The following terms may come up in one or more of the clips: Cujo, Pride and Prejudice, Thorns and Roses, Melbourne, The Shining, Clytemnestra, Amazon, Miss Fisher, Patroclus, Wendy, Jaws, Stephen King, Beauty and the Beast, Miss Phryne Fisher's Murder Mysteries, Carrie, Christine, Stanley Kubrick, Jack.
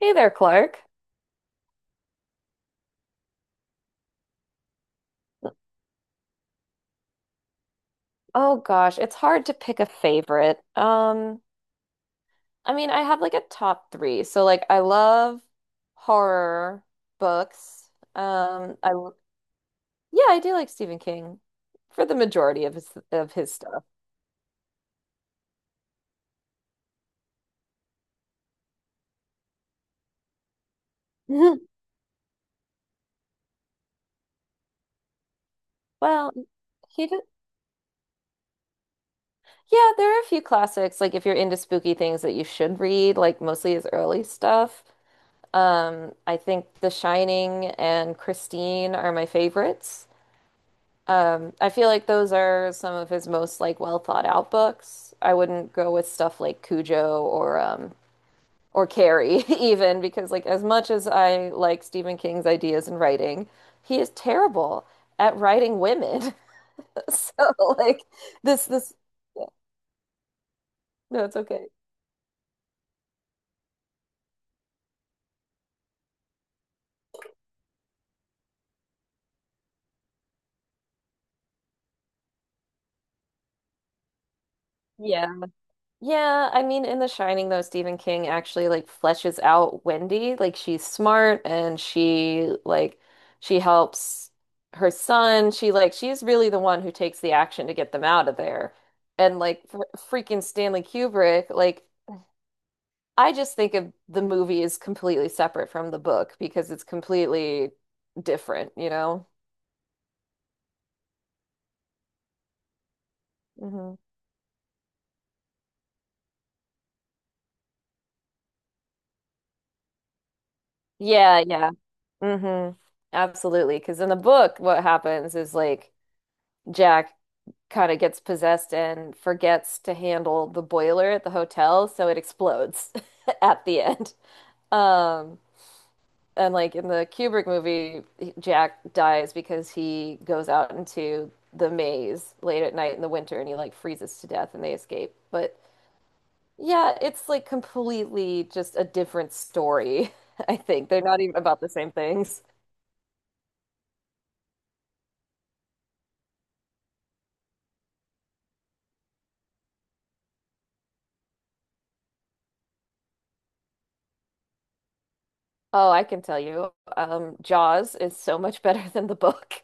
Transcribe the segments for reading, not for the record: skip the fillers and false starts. Hey there, Clark. Oh gosh, it's hard to pick a favorite. I mean, I have like a top three. So like I love horror books. Um, I l- yeah, I do like Stephen King for the majority of his stuff. Well, he did, yeah, there are a few classics, like if you're into spooky things that you should read, like mostly his early stuff. I think The Shining and Christine are my favorites. I feel like those are some of his most like well thought out books. I wouldn't go with stuff like Cujo or Carrie even because like as much as I like Stephen King's ideas and writing, he is terrible at writing women. So like this no, it's okay. Yeah. Yeah, I mean, in The Shining, though, Stephen King actually like fleshes out Wendy. Like she's smart and she like she helps her son. She like she's really the one who takes the action to get them out of there. And like for freaking Stanley Kubrick, like I just think of the movie is completely separate from the book because it's completely different, you know? Hmm. Yeah, yeah. Hmm. Absolutely. Because in the book, what happens is like Jack kind of gets possessed and forgets to handle the boiler at the hotel, so it explodes at the end. Um, and like in the Kubrick movie, Jack dies because he goes out into the maze late at night in the winter and he like freezes to death and they escape. But yeah, it's like completely just a different story, I think. They're not even about the same things. Oh, I can tell you. Jaws is so much better than the book.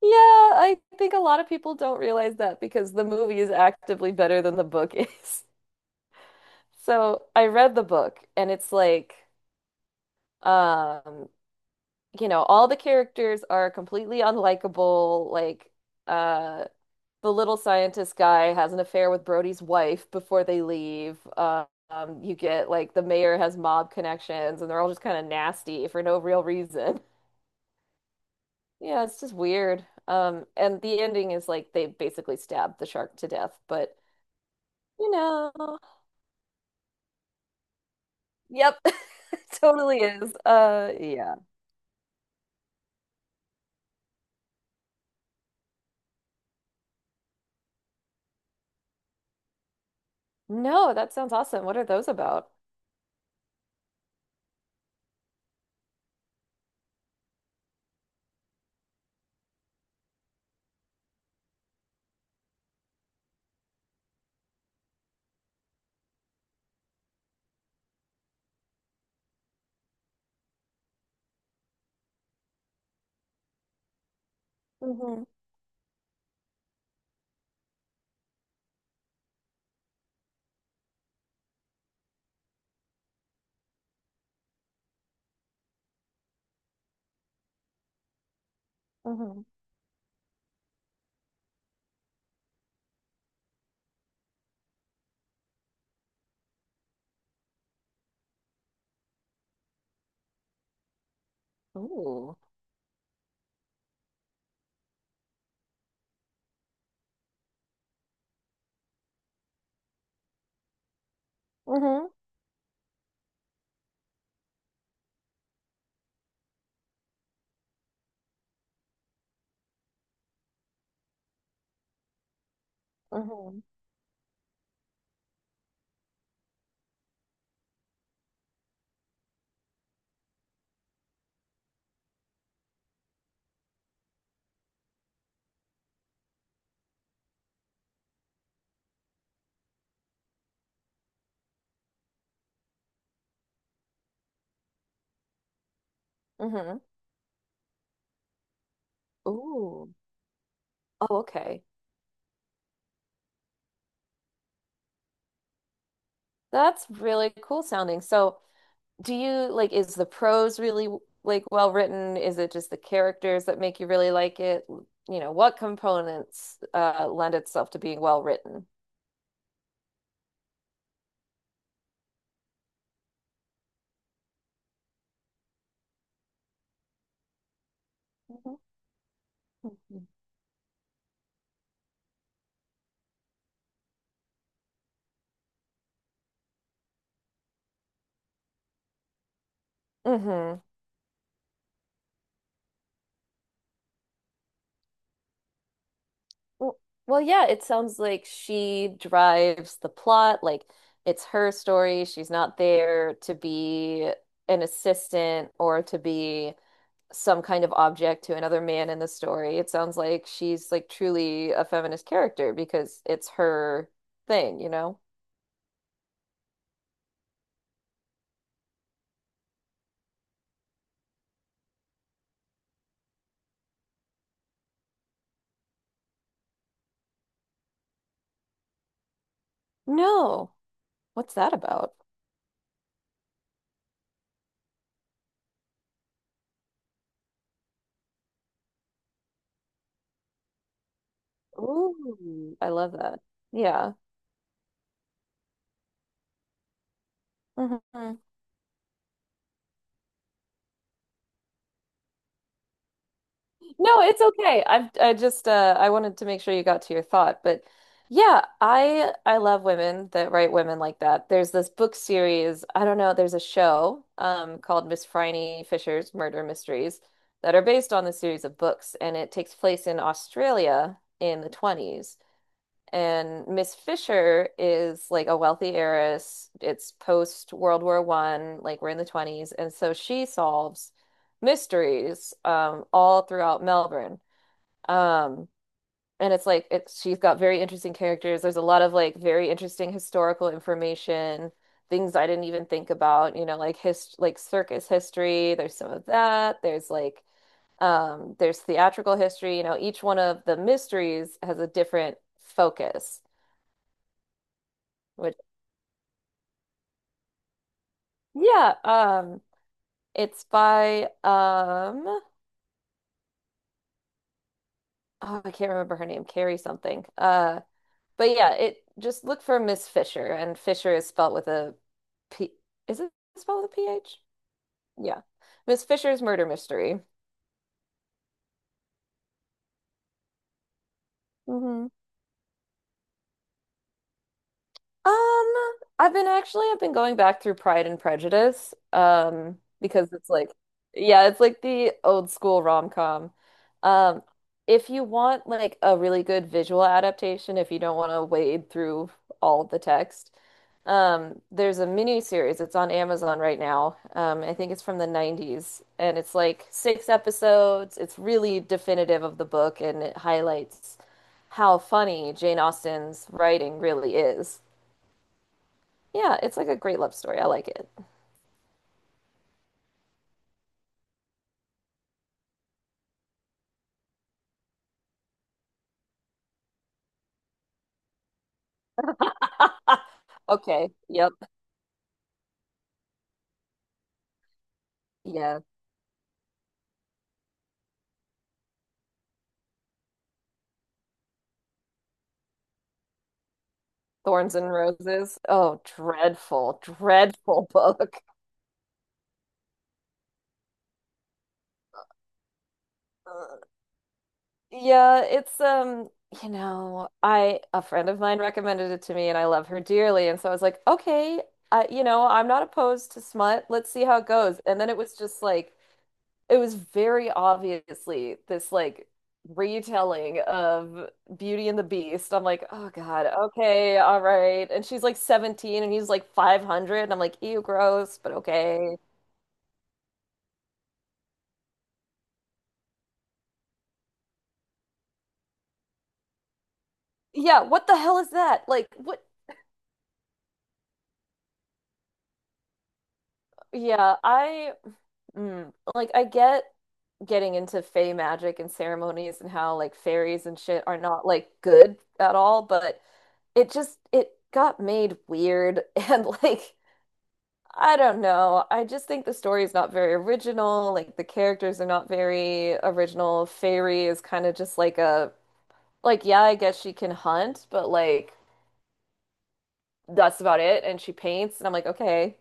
Yeah, I think a lot of people don't realize that because the movie is actively better than the book is. So I read the book and it's like, um, all the characters are completely unlikable. Uh, the little scientist guy has an affair with Brody's wife before they leave. You get like the mayor has mob connections and they're all just kind of nasty for no real reason. Yeah, it's just weird. And the ending is like they basically stabbed the shark to death, but you know. Yep. Totally is. Yeah. No, that sounds awesome. What are those about? Mm-hmm. Mm-hmm. Ooh. Mm-hmm. Mm-hmm. Mm-hmm. Ooh. Oh, okay. That's really cool sounding. So, do you like is the prose really like well written? Is it just the characters that make you really like it? What components lend itself to being well written? Mm-hmm. Mm-hmm. Well, well, yeah, it sounds like she drives the plot. Like it's her story. She's not there to be an assistant or to be some kind of object to another man in the story. It sounds like she's like truly a feminist character because it's her thing, you know? No. What's that about? Ooh, I love that. Yeah. Mhm. No, it's okay. I just I wanted to make sure you got to your thought, but yeah, I love women that write women like that. There's this book series, I don't know, there's a show called Miss Phryne Fisher's Murder Mysteries that are based on the series of books and it takes place in Australia in the 20s. And Miss Fisher is like a wealthy heiress. It's post World War One, like we're in the 20s. And so she solves mysteries all throughout Melbourne. Um, and it's like it, she's got very interesting characters. There's a lot of like very interesting historical information, things I didn't even think about, you know, like his like circus history. There's some of that. There's like there's theatrical history. You know, each one of the mysteries has a different focus which yeah, it's by oh, I can't remember her name, Carrie something. But yeah, it just look for Miss Fisher, and Fisher is spelled with a P. Is it spelled with a PH? Yeah, Miss Fisher's murder mystery. I've been going back through Pride and Prejudice, because it's like yeah, it's like the old school rom-com. Um, if you want like a really good visual adaptation, if you don't want to wade through all the text, there's a mini series. It's on Amazon right now. I think it's from the 90s and it's like six episodes. It's really definitive of the book and it highlights how funny Jane Austen's writing really is. Yeah, it's like a great love story. I like it. Okay. Yep. Yeah. Thorns and Roses. Oh, dreadful, dreadful book. Ugh. Yeah, it's you know, I a friend of mine recommended it to me and I love her dearly. And so I was like, okay, I, you know, I'm not opposed to smut. Let's see how it goes. And then it was just like it was very obviously this like retelling of Beauty and the Beast. I'm like, oh God, okay, all right. And she's like 17 and he's like 500. And I'm like, ew, gross, but okay. Yeah, what the hell is that? Like, what? Yeah, I, like, I get getting into fey magic and ceremonies and how like fairies and shit are not like good at all, but it just, it got made weird and like, I don't know. I just think the story is not very original. Like the characters are not very original. Fairy is kind of just like a like yeah, I guess she can hunt, but like that's about it. And she paints, and I'm like, okay,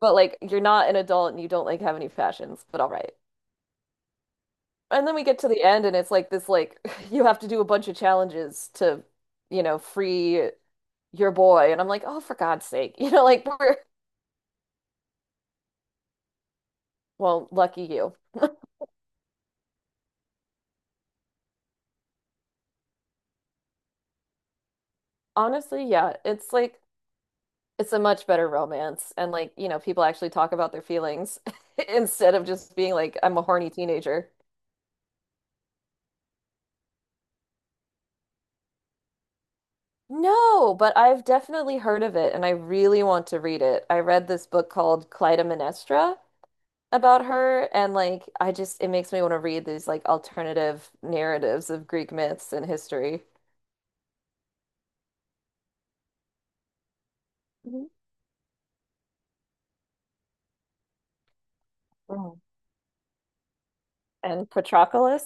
but like you're not an adult and you don't like have any passions, but all right. And then we get to the end, and it's like this like you have to do a bunch of challenges to, you know, free your boy. And I'm like, oh, for God's sake, you know, like we're well, lucky you. Honestly, yeah, it's like. It's a much better romance. And like, you know, people actually talk about their feelings instead of just being like, I'm a horny teenager. No, but I've definitely heard of it and I really want to read it. I read this book called Clytemnestra about her and like I just it makes me want to read these like alternative narratives of Greek myths and history. Mhm. Mm. And Patroclus.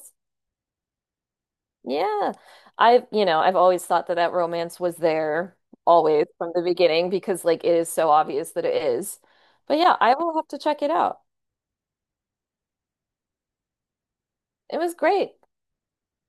Yeah. I've, you know, I've always thought that that romance was there always from the beginning because like it is so obvious that it is. But yeah, I will have to check it out. It was great.